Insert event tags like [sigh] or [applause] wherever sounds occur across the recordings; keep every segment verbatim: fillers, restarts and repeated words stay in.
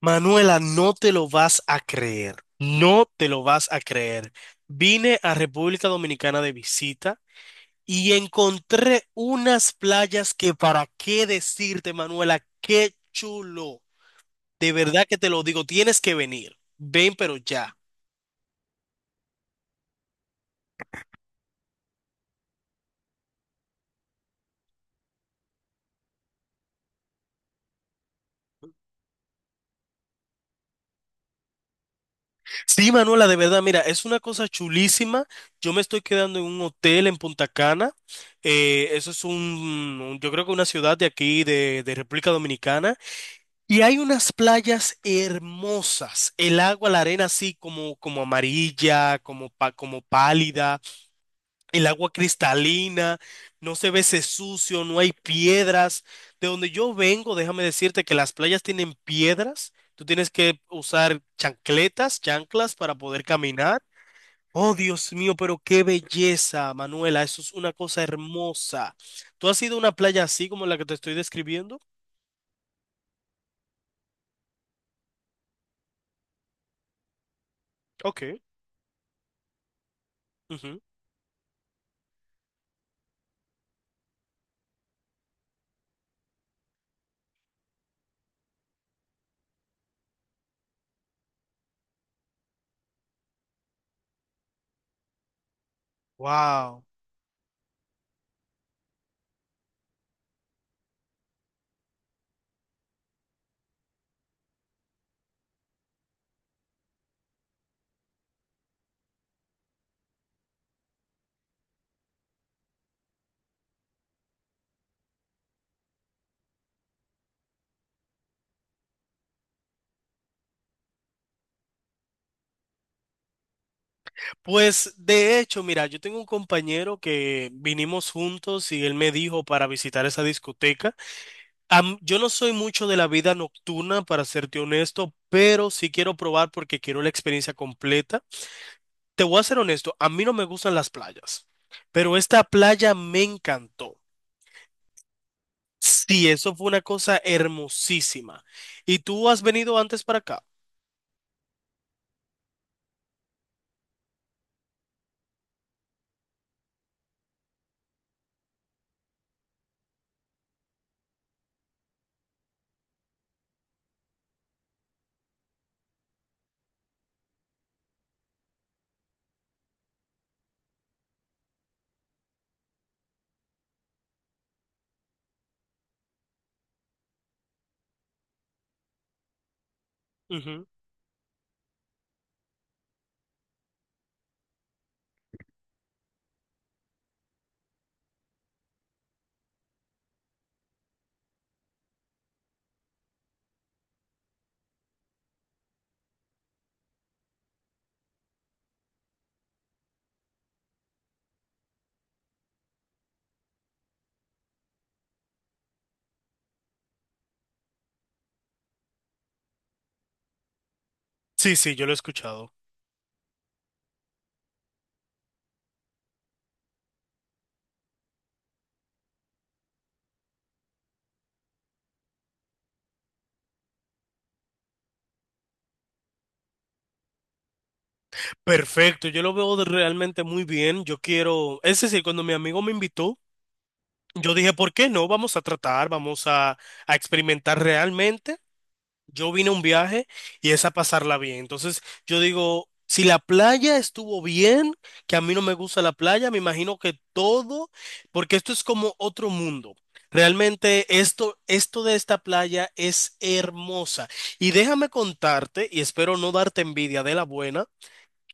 Manuela, no te lo vas a creer, no te lo vas a creer. Vine a República Dominicana de visita y encontré unas playas que para qué decirte, Manuela, qué chulo. De verdad que te lo digo, tienes que venir. Ven, pero ya. Sí, Manuela, de verdad, mira, es una cosa chulísima. Yo me estoy quedando en un hotel en Punta Cana. Eh, eso es un, un- yo creo que una ciudad de aquí, de de República Dominicana. Y hay unas playas hermosas, el agua, la arena así como, como amarilla, como, pa- como pálida, el agua cristalina, no se ve ese sucio, no hay piedras. De donde yo vengo, déjame decirte que las playas tienen piedras, tú tienes que usar chancletas, chanclas para poder caminar. Oh, Dios mío, pero qué belleza, Manuela, eso es una cosa hermosa. ¿Tú has ido a una playa así como la que te estoy describiendo? Ok. Wow. Pues de hecho, mira, yo tengo un compañero que vinimos juntos y él me dijo para visitar esa discoteca. Am- yo no soy mucho de la vida nocturna, para serte honesto, pero sí quiero probar porque quiero la experiencia completa. Te voy a ser honesto, a mí no me gustan las playas, pero esta playa me encantó. Sí, eso fue una cosa hermosísima. ¿Y tú has venido antes para acá? Ujú. Sí, sí, yo lo he escuchado. Perfecto, yo lo veo de- realmente muy bien. Yo quiero, es decir, cuando mi amigo me invitó, yo dije, ¿por qué no? Vamos a tratar, vamos a, a experimentar realmente. Yo vine a un viaje y es a pasarla bien. Entonces, yo digo, si la playa estuvo bien, que a mí no me gusta la playa, me imagino que todo, porque esto es como otro mundo. Realmente esto, esto de esta playa es hermosa. Y déjame contarte, y espero no darte envidia de la buena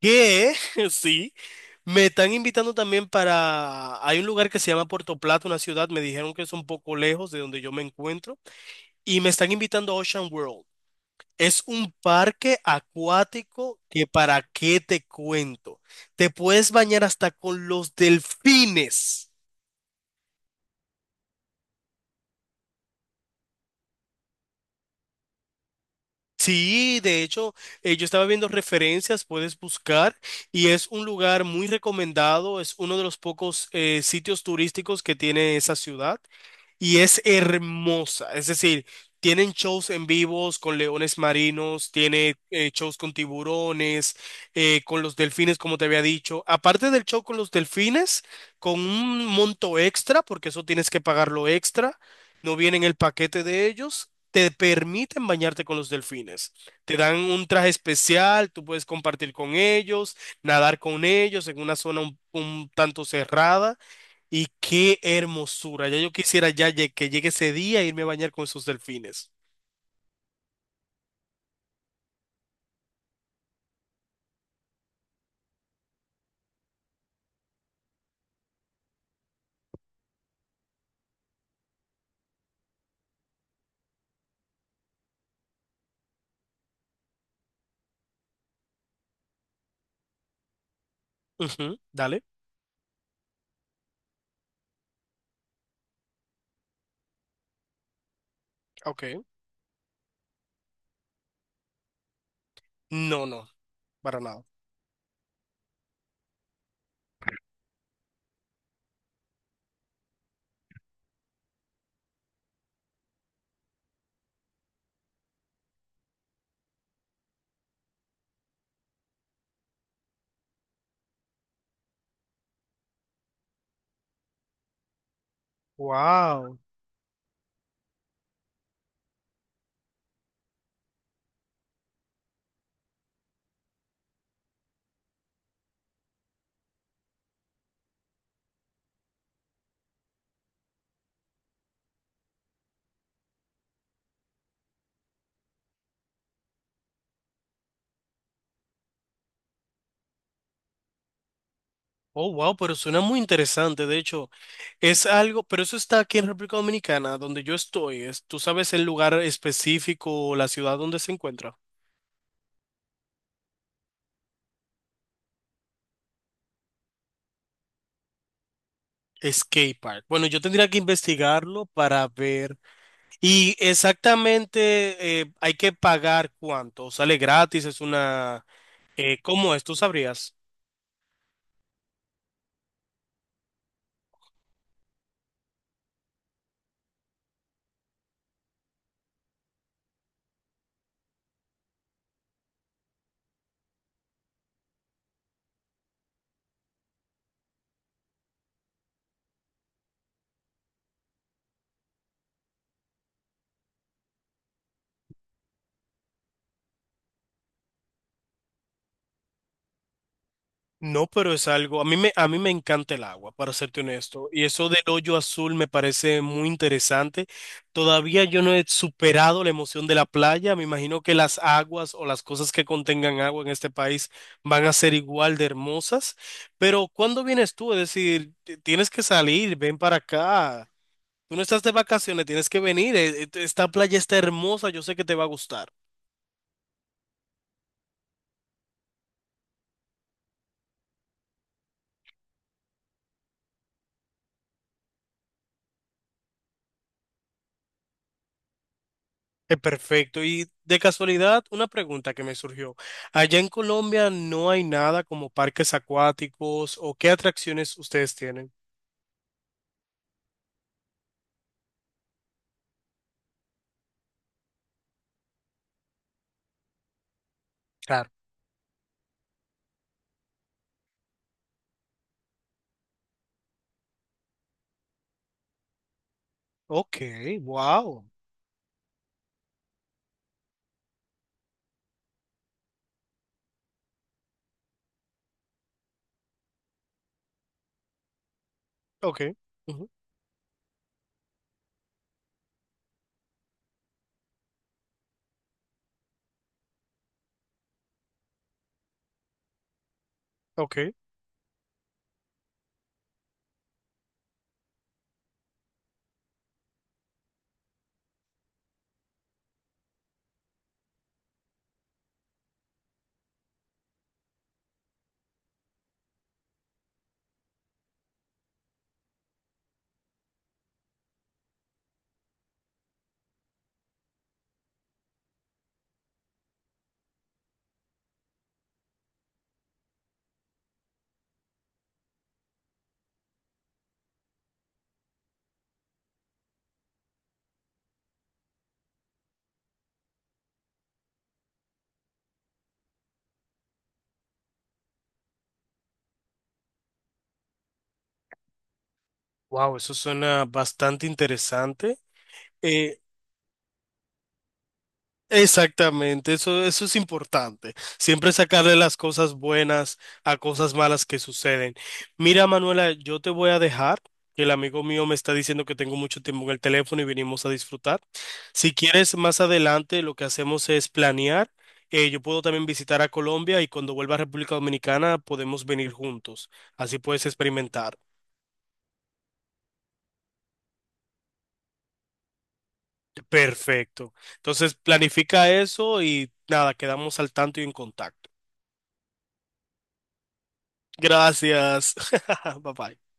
que [laughs] sí, me están invitando también para... Hay un lugar que se llama Puerto Plata, una ciudad, me dijeron que es un poco lejos de donde yo me encuentro, y me están invitando a Ocean World. Es un parque acuático que para qué te cuento. Te puedes bañar hasta con los delfines. Sí, de hecho, eh, yo estaba viendo referencias, puedes buscar, y es un lugar muy recomendado, es uno de los pocos eh, sitios turísticos que tiene esa ciudad. Y es hermosa. Es decir, tienen shows en vivos con leones marinos, tiene eh, shows con tiburones, eh, con los delfines, como te había dicho. Aparte del show con los delfines, con un monto extra, porque eso tienes que pagarlo extra, no viene en el paquete de ellos te permiten bañarte con los delfines. Te dan un traje especial, tú puedes compartir con ellos, nadar con ellos en una zona un, un tanto cerrada. Y qué hermosura. Ya yo quisiera ya lle- que llegue ese día e irme a bañar con esos delfines. Ujú, dale. Ok. No, no, para nada. Wow. Oh, wow, pero suena muy interesante. De hecho, es algo, pero eso está aquí en República Dominicana, donde yo estoy. Es- ¿tú sabes el lugar específico o la ciudad donde se encuentra? Skate Park. Bueno, yo tendría que investigarlo para ver. Y exactamente eh, hay que pagar cuánto. ¿Sale gratis? ¿Es una... eh, cómo es? ¿Tú sabrías? No, pero es algo, a mí me, a mí me encanta el agua, para serte honesto, y eso del hoyo azul me parece muy interesante. Todavía yo no he superado la emoción de la playa, me imagino que las aguas o las cosas que contengan agua en este país van a ser igual de hermosas, pero ¿cuándo vienes tú? Es decir, t- tienes que salir, ven para acá, tú no estás de vacaciones, tienes que venir, eh, eh, esta playa está hermosa, yo sé que te va a gustar. Eh, Perfecto. Y de casualidad, una pregunta que me surgió. Allá en Colombia no hay nada como parques acuáticos o qué atracciones ustedes tienen. Claro. Ok, wow. Ok. Ujú, ok. Wow, eso suena bastante interesante. Eh, Exactamente, eso, eso es importante. Siempre sacarle las cosas buenas a cosas malas que suceden. Mira, Manuela, yo te voy a dejar, que el amigo mío me está diciendo que tengo mucho tiempo en el teléfono y venimos a disfrutar. Si quieres, más adelante lo que hacemos es planear. Eh, yo puedo también visitar a Colombia y cuando vuelva a República Dominicana podemos venir juntos. Así puedes experimentar. Perfecto. Entonces, planifica eso y nada, quedamos al tanto y en contacto. Gracias. [laughs] Bye bye.